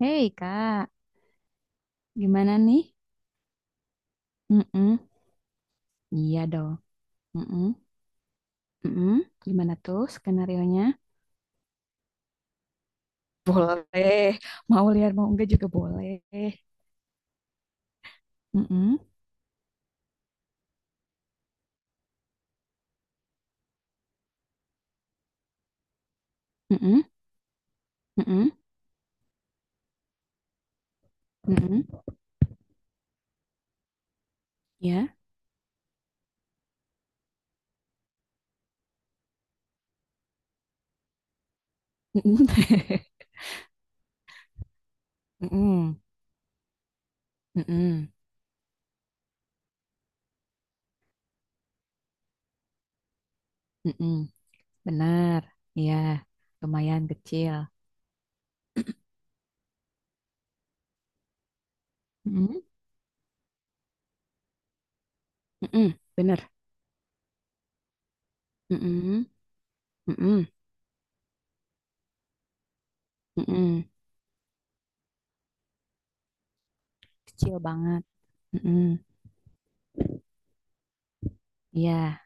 Hei kak, gimana nih? Mm-mm. Iya dong. Mm-mm. Mm-mm. Gimana tuh skenarionya? Boleh. Mau lihat mau enggak juga boleh. Mm-mm. Mm-mm. Mm-mm. Mm-mm. Ya. Mm-mm. Mm-mm. Mm-mm. Mm-mm. Benar. Iya. Lumayan kecil. Mm-mm. Mm-mm. Benar. Mm-mm. Mm-mm. Mm-mm. Kecil banget. Mm-mm. Iya.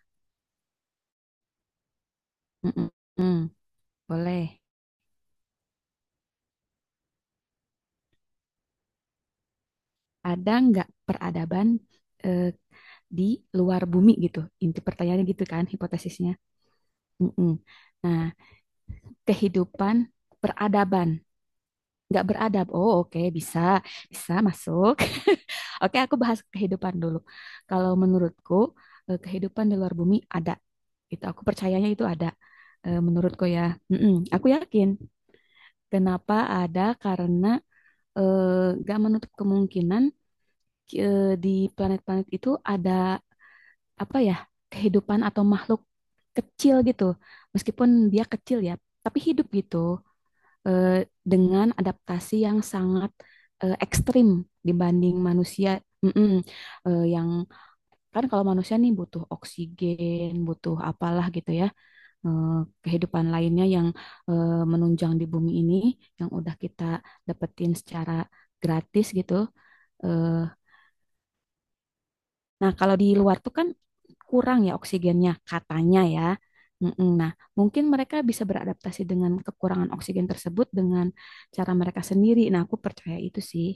Mm-mm. Mm-mm. Boleh. Ada nggak peradaban, eh, di luar bumi gitu. Inti pertanyaannya gitu kan, hipotesisnya. Mm-mm. Nah, kehidupan peradaban, nggak beradab. Oh, oke, bisa, bisa masuk. Oke, aku bahas kehidupan dulu. Kalau menurutku, kehidupan di luar bumi ada. Itu aku percayanya itu ada. Menurutku ya, Mm-mm. Aku yakin. Kenapa ada? Karena nggak menutup kemungkinan, di planet-planet itu ada, apa ya, kehidupan atau makhluk kecil gitu, meskipun dia kecil ya tapi hidup gitu, eh, dengan adaptasi yang sangat ekstrim dibanding manusia. Mm-mm. Yang kan kalau manusia nih butuh oksigen butuh apalah gitu ya, eh, kehidupan lainnya yang menunjang di bumi ini, yang udah kita dapetin secara gratis gitu eh, Nah, kalau di luar tuh kan kurang ya oksigennya, katanya ya. Mm-mm. Nah, mungkin mereka bisa beradaptasi dengan kekurangan oksigen tersebut dengan cara mereka sendiri. Nah, aku percaya itu sih.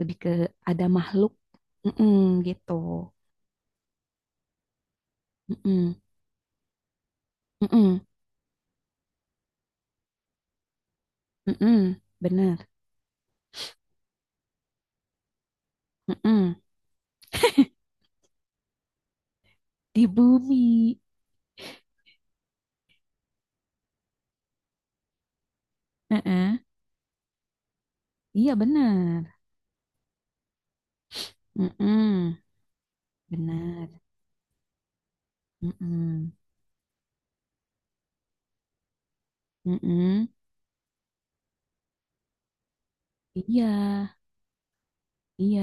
Lebih ke ada makhluk, mm-mm, gitu. Mm-mm. Mm-mm. Mm-mm. Bener. Mm-mm. Di bumi. Mm-mm. Iya, bener. Mm-mm. Bener. Mm-mm. Mm-mm. Iya, iya.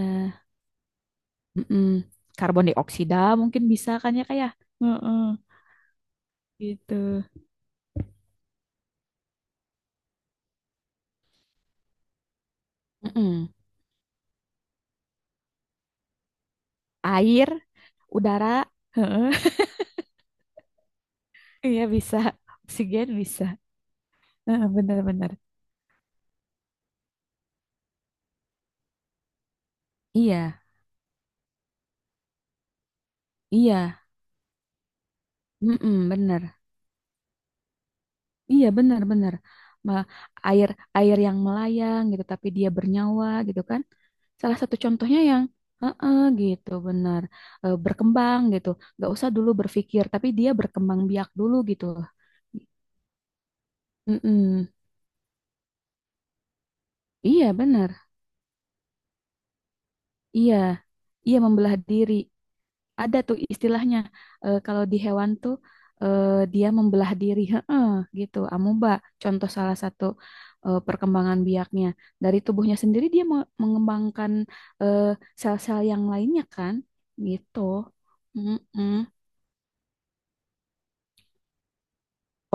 Mm-mm. Karbon dioksida mungkin bisa kan ya kayak. Heeh, gitu. Air, udara, heeh, iya bisa. Oksigen bisa. Heeh, benar-benar. Iya, iya. Mm-mm, bener. Iya, benar-benar. Ma- Air air yang melayang gitu, tapi dia bernyawa gitu kan. Salah satu contohnya yang heeh, gitu, benar. Berkembang gitu. Gak usah dulu berpikir, tapi dia berkembang biak dulu gitu. Mm-mm. Iya, benar. Iya, iya membelah diri. Ada tuh istilahnya, kalau di hewan tuh, eh, dia membelah diri, heeh, gitu. Amuba contoh salah satu perkembangan biaknya. Dari tubuhnya sendiri dia mengembangkan eh, sel-sel yang lainnya kan, gitu. Mm-mm.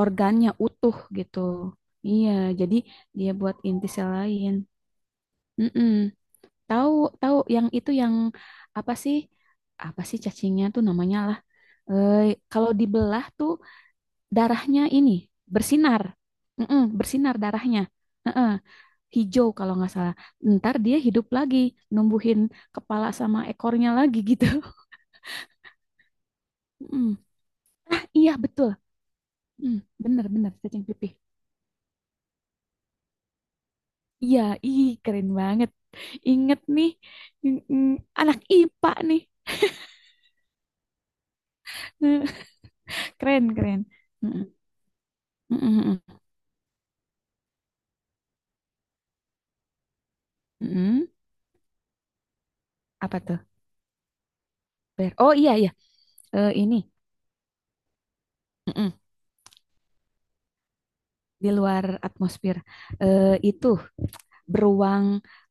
Organnya utuh gitu. Iya, jadi dia buat inti sel lain. Mm-mm. Tahu tahu yang itu yang apa sih? Apa sih cacingnya tuh namanya? Eh, kalau dibelah tuh darahnya ini bersinar, mm-mm, bersinar darahnya. Heeh, hijau kalau nggak salah. Ntar dia hidup lagi, numbuhin kepala sama ekornya lagi gitu. Mm. Ah iya betul, mm, bener bener cacing pipih. Iya, ih keren banget. Inget nih, mm, mm, anak IPA nih, keren keren. Mm-mm, mm-mm, mm mm, mm. Apa tuh? Oh iya iya. Eh, ini. Di luar atmosfer, itu beruang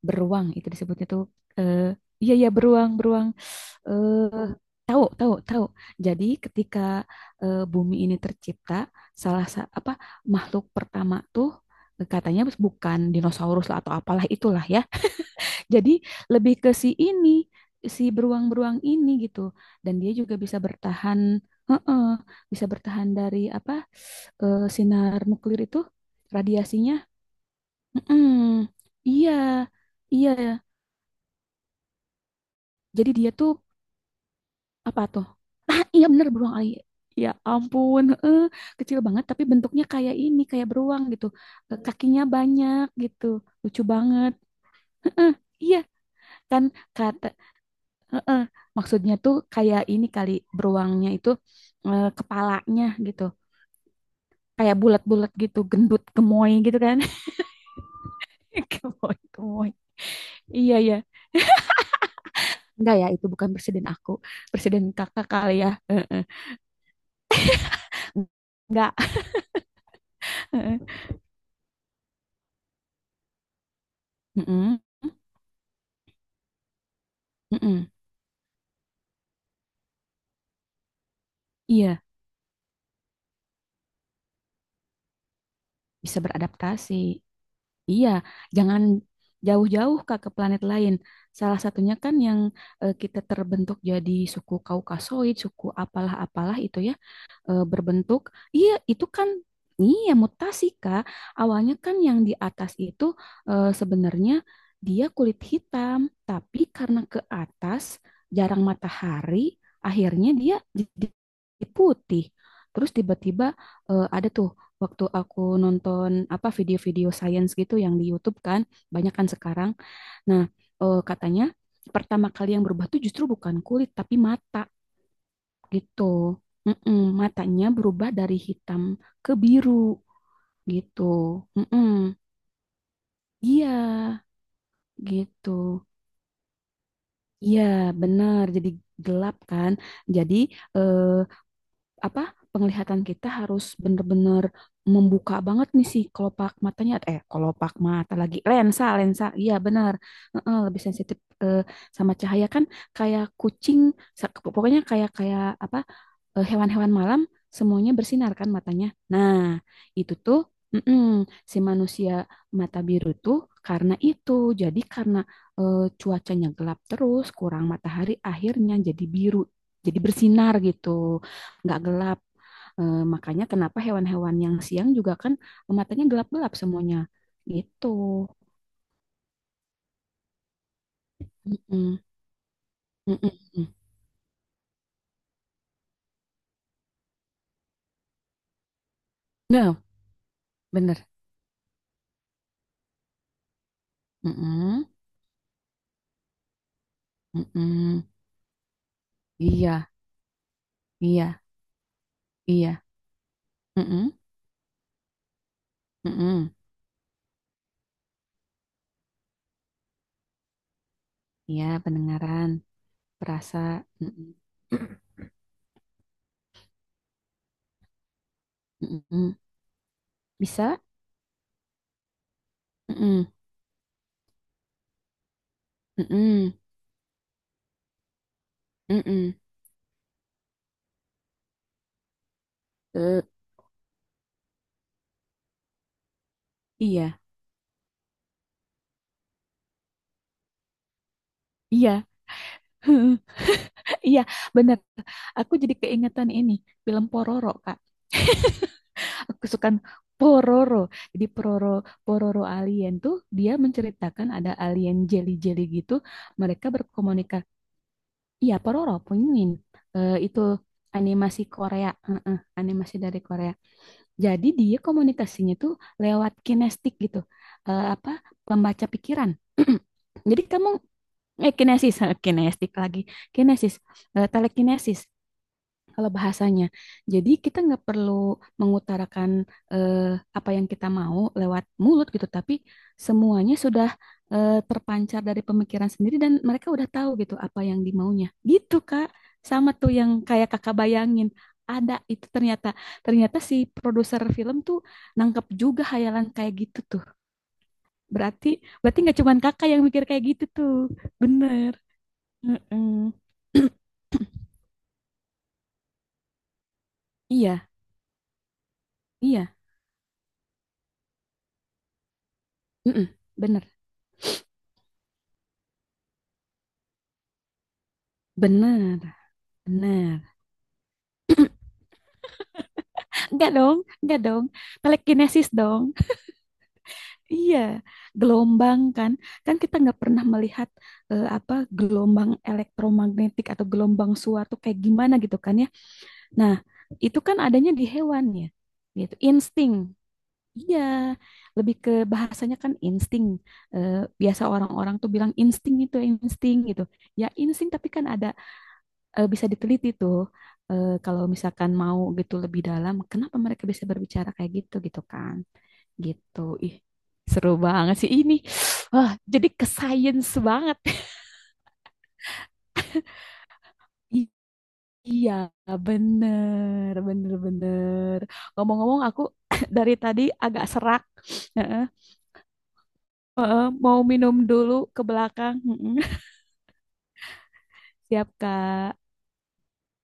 beruang itu disebutnya tuh, eh, iya iya beruang beruang, eh tahu tahu tahu. Jadi ketika bumi ini tercipta, apa, makhluk pertama tuh, katanya bukan dinosaurus lah atau apalah itulah ya, jadi lebih ke si ini, si beruang-beruang ini gitu. Dan dia juga bisa bertahan, heeh, bisa bertahan dari apa, sinar nuklir itu, radiasinya. Mm-mm. Iya, iya. Jadi dia tuh apa tuh? Ah, iya bener beruang alien. Ya ampun, heeh. Kecil banget tapi bentuknya kayak ini, kayak beruang gitu. Eh, kakinya banyak gitu, lucu banget. Heeh, iya kan kata, heeh, maksudnya tuh kayak ini kali, beruangnya itu, kepalanya gitu. Kayak bulat-bulat gitu, gendut, gemoy gitu kan. Gemoy, gemoy. Iya, iya. Enggak ya, itu bukan presiden aku. Presiden kakak kali ya. Heeh. Enggak. Heeh. Mm-mm, mm-mm. Iya, bisa beradaptasi. Iya, jangan jauh-jauh Kak ke planet lain. Salah satunya kan yang kita terbentuk jadi suku Kaukasoid, suku apalah-apalah itu ya. Berbentuk, iya itu kan, iya mutasi Kak. Awalnya kan yang di atas itu, sebenarnya dia kulit hitam, tapi karena ke atas jarang matahari, akhirnya dia jadi putih. Terus tiba-tiba, ada tuh waktu aku nonton apa video-video science gitu yang di YouTube kan, banyak kan sekarang. Nah, katanya pertama kali yang berubah tuh justru bukan kulit tapi mata gitu. Mm-mm, matanya berubah dari hitam ke biru gitu. Mm-mm. Iya, gitu. Iya, benar. Jadi gelap kan. Jadi eh, apa, penglihatan kita harus bener-bener membuka banget nih si kelopak matanya, eh, kelopak mata lagi, lensa lensa, iya benar. Heeh, lebih sensitif eh, sama cahaya kan, kayak kucing, sa- pokoknya kayak kayak apa, hewan-hewan malam semuanya bersinar kan matanya. Nah itu tuh, mm-mm, si manusia mata biru tuh karena itu, jadi karena cuacanya gelap terus kurang matahari akhirnya jadi biru, jadi bersinar gitu, nggak gelap. Eh, makanya kenapa hewan-hewan yang siang juga kan matanya gelap-gelap semuanya. Gitu. Mm-mm. Mm-mm. Mm. Nah, bener. Mm-mm. Mm-mm. Iya, iya, iya. Mm-mm. Mm-mm. Iya, pendengaran, perasa. Mm-mm. Mm-mm. Bisa? Mm-mm. Mm-mm. Mm-mm. Eh, iya, iya. Iya, bener. Aku jadi keingetan ini, film Pororo, Kak. Aku suka Pororo. Jadi Pororo Pororo alien tuh dia menceritakan ada alien jelly-jelly gitu. Mereka berkomunikasi. Iya, Pororo Pinguin. Eh, itu animasi Korea. Heeh, animasi dari Korea. Jadi dia komunikasinya tuh lewat kinestik gitu. Eh, apa, pembaca pikiran. Jadi kamu, eh, kinesis, kinestik lagi. Kinesis, eh, telekinesis kalau bahasanya. Jadi kita nggak perlu mengutarakan eh, apa yang kita mau lewat mulut gitu, tapi semuanya sudah terpancar dari pemikiran sendiri dan mereka udah tahu gitu apa yang dimaunya. Gitu Kak, sama tuh yang kayak Kakak bayangin. Ada itu ternyata, ternyata si produser film tuh nangkep juga hayalan kayak gitu tuh. Berarti, berarti nggak cuman Kakak yang mikir kayak gitu tuh. Bener. Heeh. Iya, iya. Mm-mm, bener. Bener, bener. Enggak dong, enggak dong. Telekinesis dong. Iya, gelombang kan. Kan kita nggak pernah melihat apa gelombang elektromagnetik atau gelombang suatu kayak gimana gitu kan ya. Nah, itu kan adanya di hewan ya. Gitu, insting. Iya, lebih ke bahasanya kan insting. Eh, biasa orang-orang tuh bilang insting itu insting gitu. Ya insting tapi kan ada, bisa diteliti tuh, kalau misalkan mau gitu lebih dalam kenapa mereka bisa berbicara kayak gitu gitu kan gitu, ih seru banget sih ini. Wah jadi ke science banget. I- iya bener bener bener, ngomong-ngomong aku dari tadi agak serak. Heeh. Eh, mau minum dulu ke belakang. Siap kak.